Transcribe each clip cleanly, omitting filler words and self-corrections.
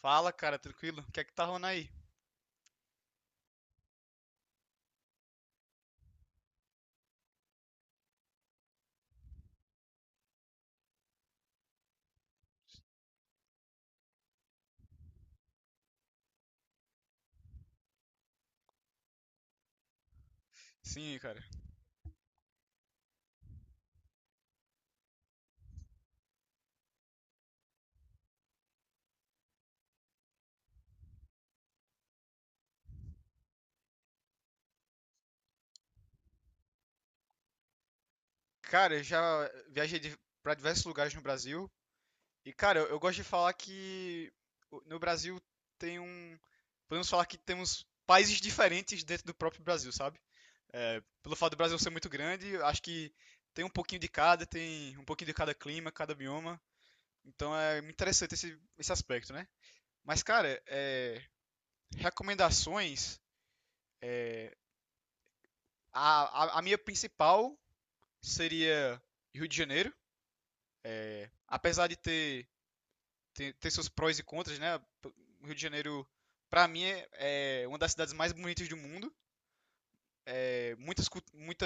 Fala, cara, tranquilo? O que é que tá rolando aí? Sim, cara. Cara, eu já viajei pra diversos lugares no Brasil. E, cara, eu gosto de falar que no Brasil tem um. Podemos falar que temos países diferentes dentro do próprio Brasil, sabe? É, pelo fato do Brasil ser muito grande, eu acho que tem um pouquinho de cada, tem um pouquinho de cada clima, cada bioma. Então é muito interessante esse aspecto, né? Mas, cara, é, recomendações. A, a minha principal seria Rio de Janeiro. Apesar de ter seus prós e contras, né? O Rio de Janeiro, para mim, é uma das cidades mais bonitas do mundo. É, muita,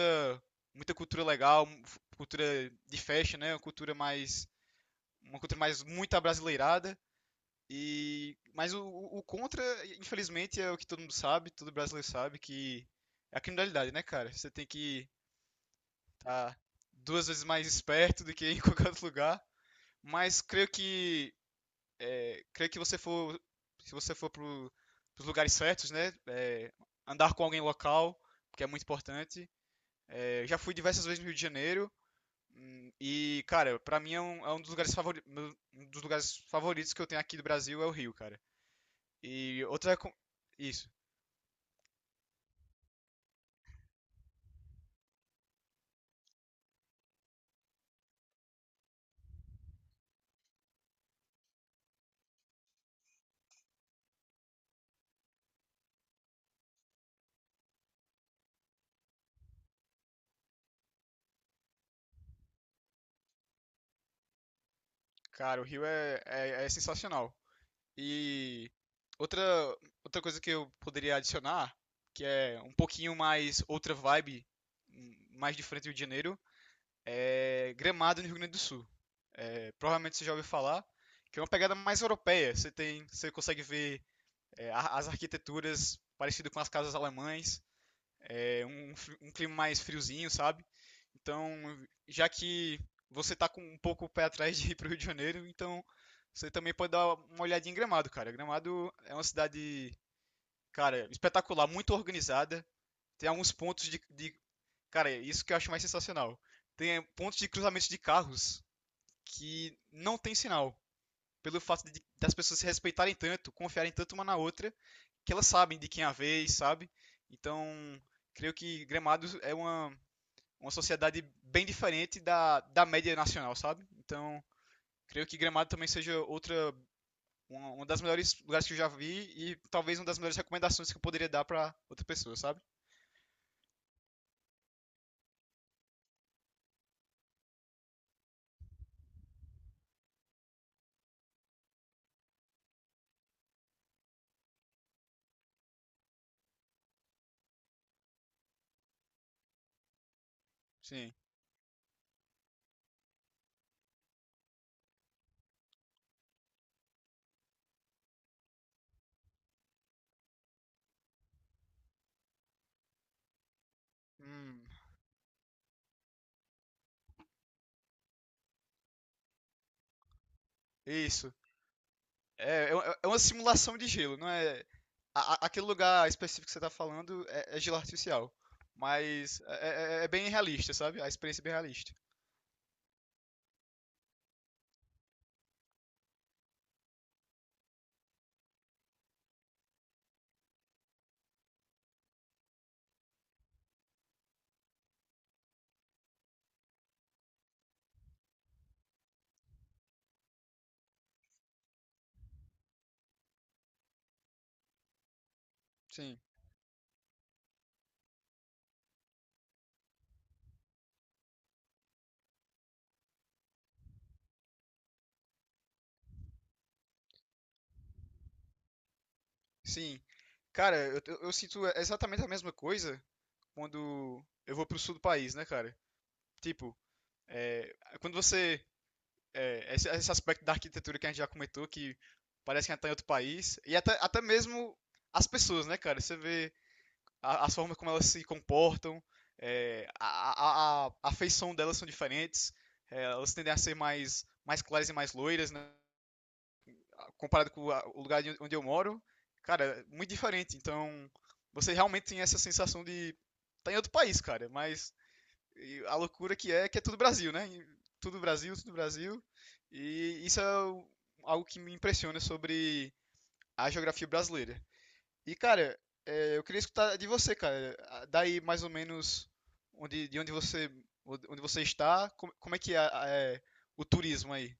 muita cultura legal, cultura de festa, né? Uma cultura mais muito abrasileirada. E, mas o contra, infelizmente, é o que todo mundo sabe, todo brasileiro sabe, que é a criminalidade, né, cara? Você tem que estar tá duas vezes mais esperto do que em qualquer outro lugar. Mas creio que se você for para os lugares certos, né? É, andar com alguém local, que é muito importante. É, já fui diversas vezes no Rio de Janeiro. E, cara, pra mim é é um dos lugares um dos lugares favoritos que eu tenho aqui do Brasil é o Rio, cara. E outra. Isso, cara, o Rio é sensacional. E outra, outra coisa que eu poderia adicionar, que é um pouquinho mais outra vibe, mais diferente do Rio de Janeiro, é Gramado, no Rio Grande do Sul. É, provavelmente você já ouviu falar, que é uma pegada mais europeia. Você tem, você consegue ver é, as arquiteturas parecidas com as casas alemães, é, um, um clima mais friozinho, sabe? Então, já que você tá com um pouco o pé atrás de ir pro Rio de Janeiro, então você também pode dar uma olhadinha em Gramado, cara. Gramado é uma cidade, cara, espetacular, muito organizada. Tem alguns pontos cara, isso que eu acho mais sensacional. Tem é, pontos de cruzamento de carros que não tem sinal. Pelo fato de, das pessoas se respeitarem tanto, confiarem tanto uma na outra, que elas sabem de quem é a vez, sabe? Então, creio que Gramado é uma sociedade bem diferente da média nacional, sabe? Então, creio que Gramado também seja outra uma das melhores lugares que eu já vi e talvez uma das melhores recomendações que eu poderia dar para outra pessoa, sabe? Sim. Hum, isso. É uma simulação de gelo, não é. Aquele lugar específico que você tá falando é gelo artificial. Mas é, é bem realista, sabe? A experiência é bem realista. Sim, sim. Cara, eu sinto exatamente a mesma coisa quando eu vou pro sul do país, né, cara? Tipo, é, quando você. É, esse aspecto da arquitetura que a gente já comentou, que parece que a gente tá em outro país, e até mesmo as pessoas, né, cara? Você vê as formas como elas se comportam, é, a feição delas são diferentes, é, elas tendem a ser mais claras e mais loiras, né? Comparado com a, o lugar onde eu moro, cara, muito diferente. Então, você realmente tem essa sensação de tá em outro país, cara, mas e a loucura que é tudo Brasil, né? E tudo Brasil, tudo Brasil. E isso é algo que me impressiona sobre a geografia brasileira. E, cara, é, eu queria escutar de você, cara. Ah, daí mais ou menos de onde você está, como é que é, é o turismo aí?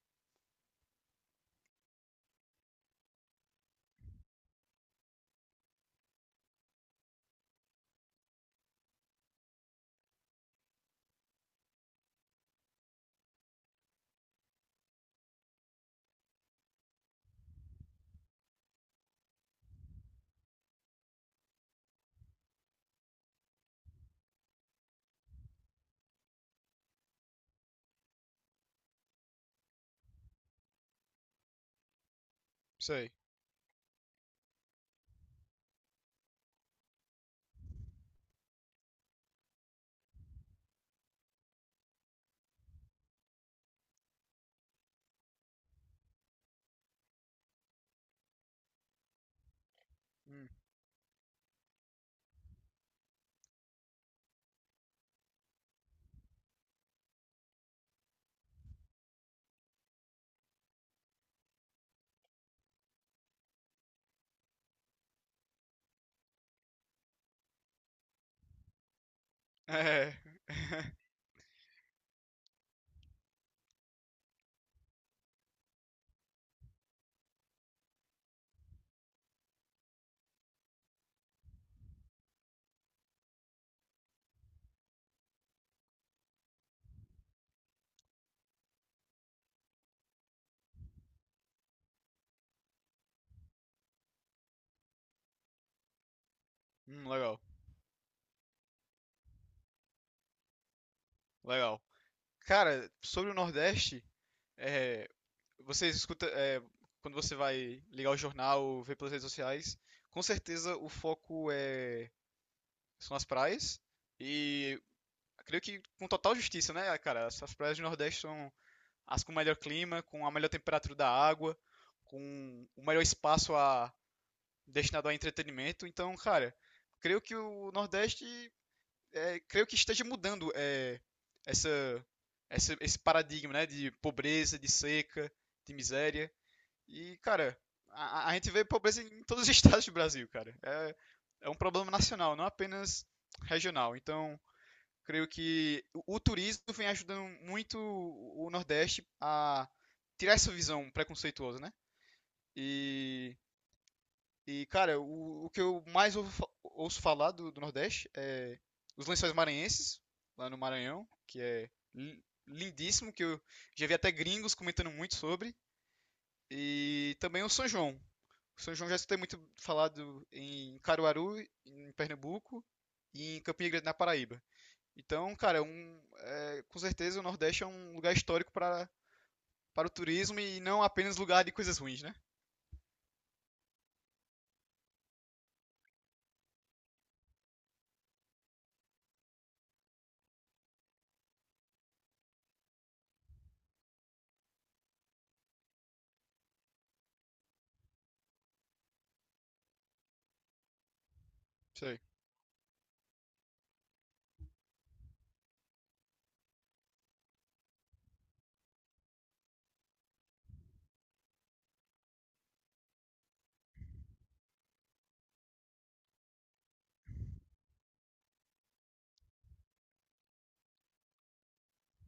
Sei. Hum. É. Legal, legal. Cara, sobre o Nordeste, é, você escuta, é, quando você vai ligar o jornal, ver pelas redes sociais, com certeza o foco é, são as praias. E creio que com total justiça, né, cara? As as praias do Nordeste são as com melhor clima, com a melhor temperatura da água, com o melhor espaço a, destinado a entretenimento. Então, cara, creio que o Nordeste, é, creio que esteja mudando é, essa, esse paradigma, né, de pobreza, de seca, de miséria. E, cara, a gente vê pobreza em todos os estados do Brasil, cara. É, é um problema nacional, não apenas regional. Então, creio que o turismo vem ajudando muito o Nordeste a tirar essa visão preconceituosa, né? E, e cara, o que eu mais ouço falar do Nordeste é os lençóis maranhenses, lá no Maranhão, que é lindíssimo, que eu já vi até gringos comentando muito sobre, e também o São João. O São João já escutei muito falado em Caruaru, em Pernambuco, e em Campina Grande, na Paraíba. Então, cara, é um, é, com certeza o Nordeste é um lugar histórico para, para o turismo e não apenas lugar de coisas ruins, né? Sei.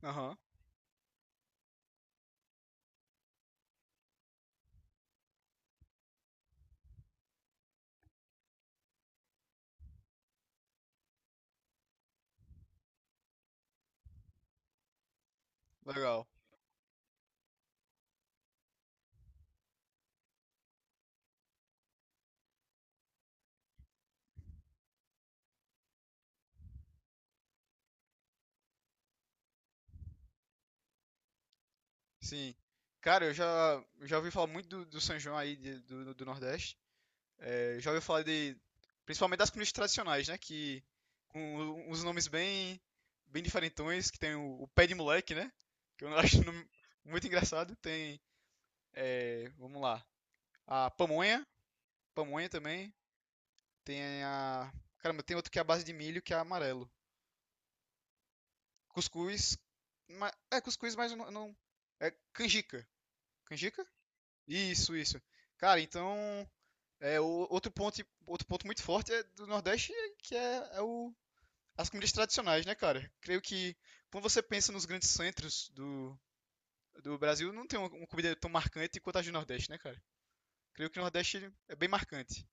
Aham, legal. Sim. Cara, eu já ouvi falar muito do São João aí do, do Nordeste. É, já ouvi falar de, principalmente das comidas tradicionais, né? Que com os nomes bem, bem diferentões, que tem o pé de moleque, né? Que eu acho nome muito engraçado. Tem, é, vamos lá, a pamonha, pamonha também. Tem a. Caramba, tem outro que é a base de milho, que é amarelo. Cuscuz. É cuscuz, mas eu não. É canjica. Canjica? Isso, isso. Cara, então. É, o outro ponto muito forte é do Nordeste, é que é o, as comidas tradicionais, né, cara? Creio que quando você pensa nos grandes centros do Brasil, não tem uma comida tão marcante quanto as do Nordeste, né, cara? Creio que o Nordeste é bem marcante.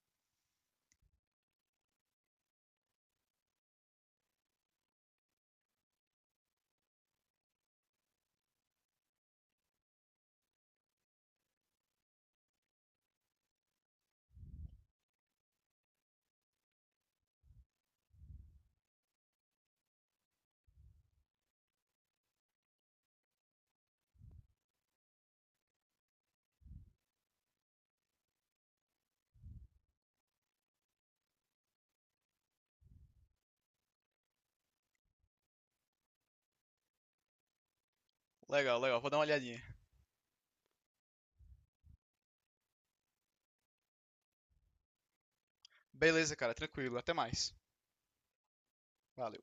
Legal, legal, vou dar uma olhadinha. Beleza, cara, tranquilo, até mais. Valeu.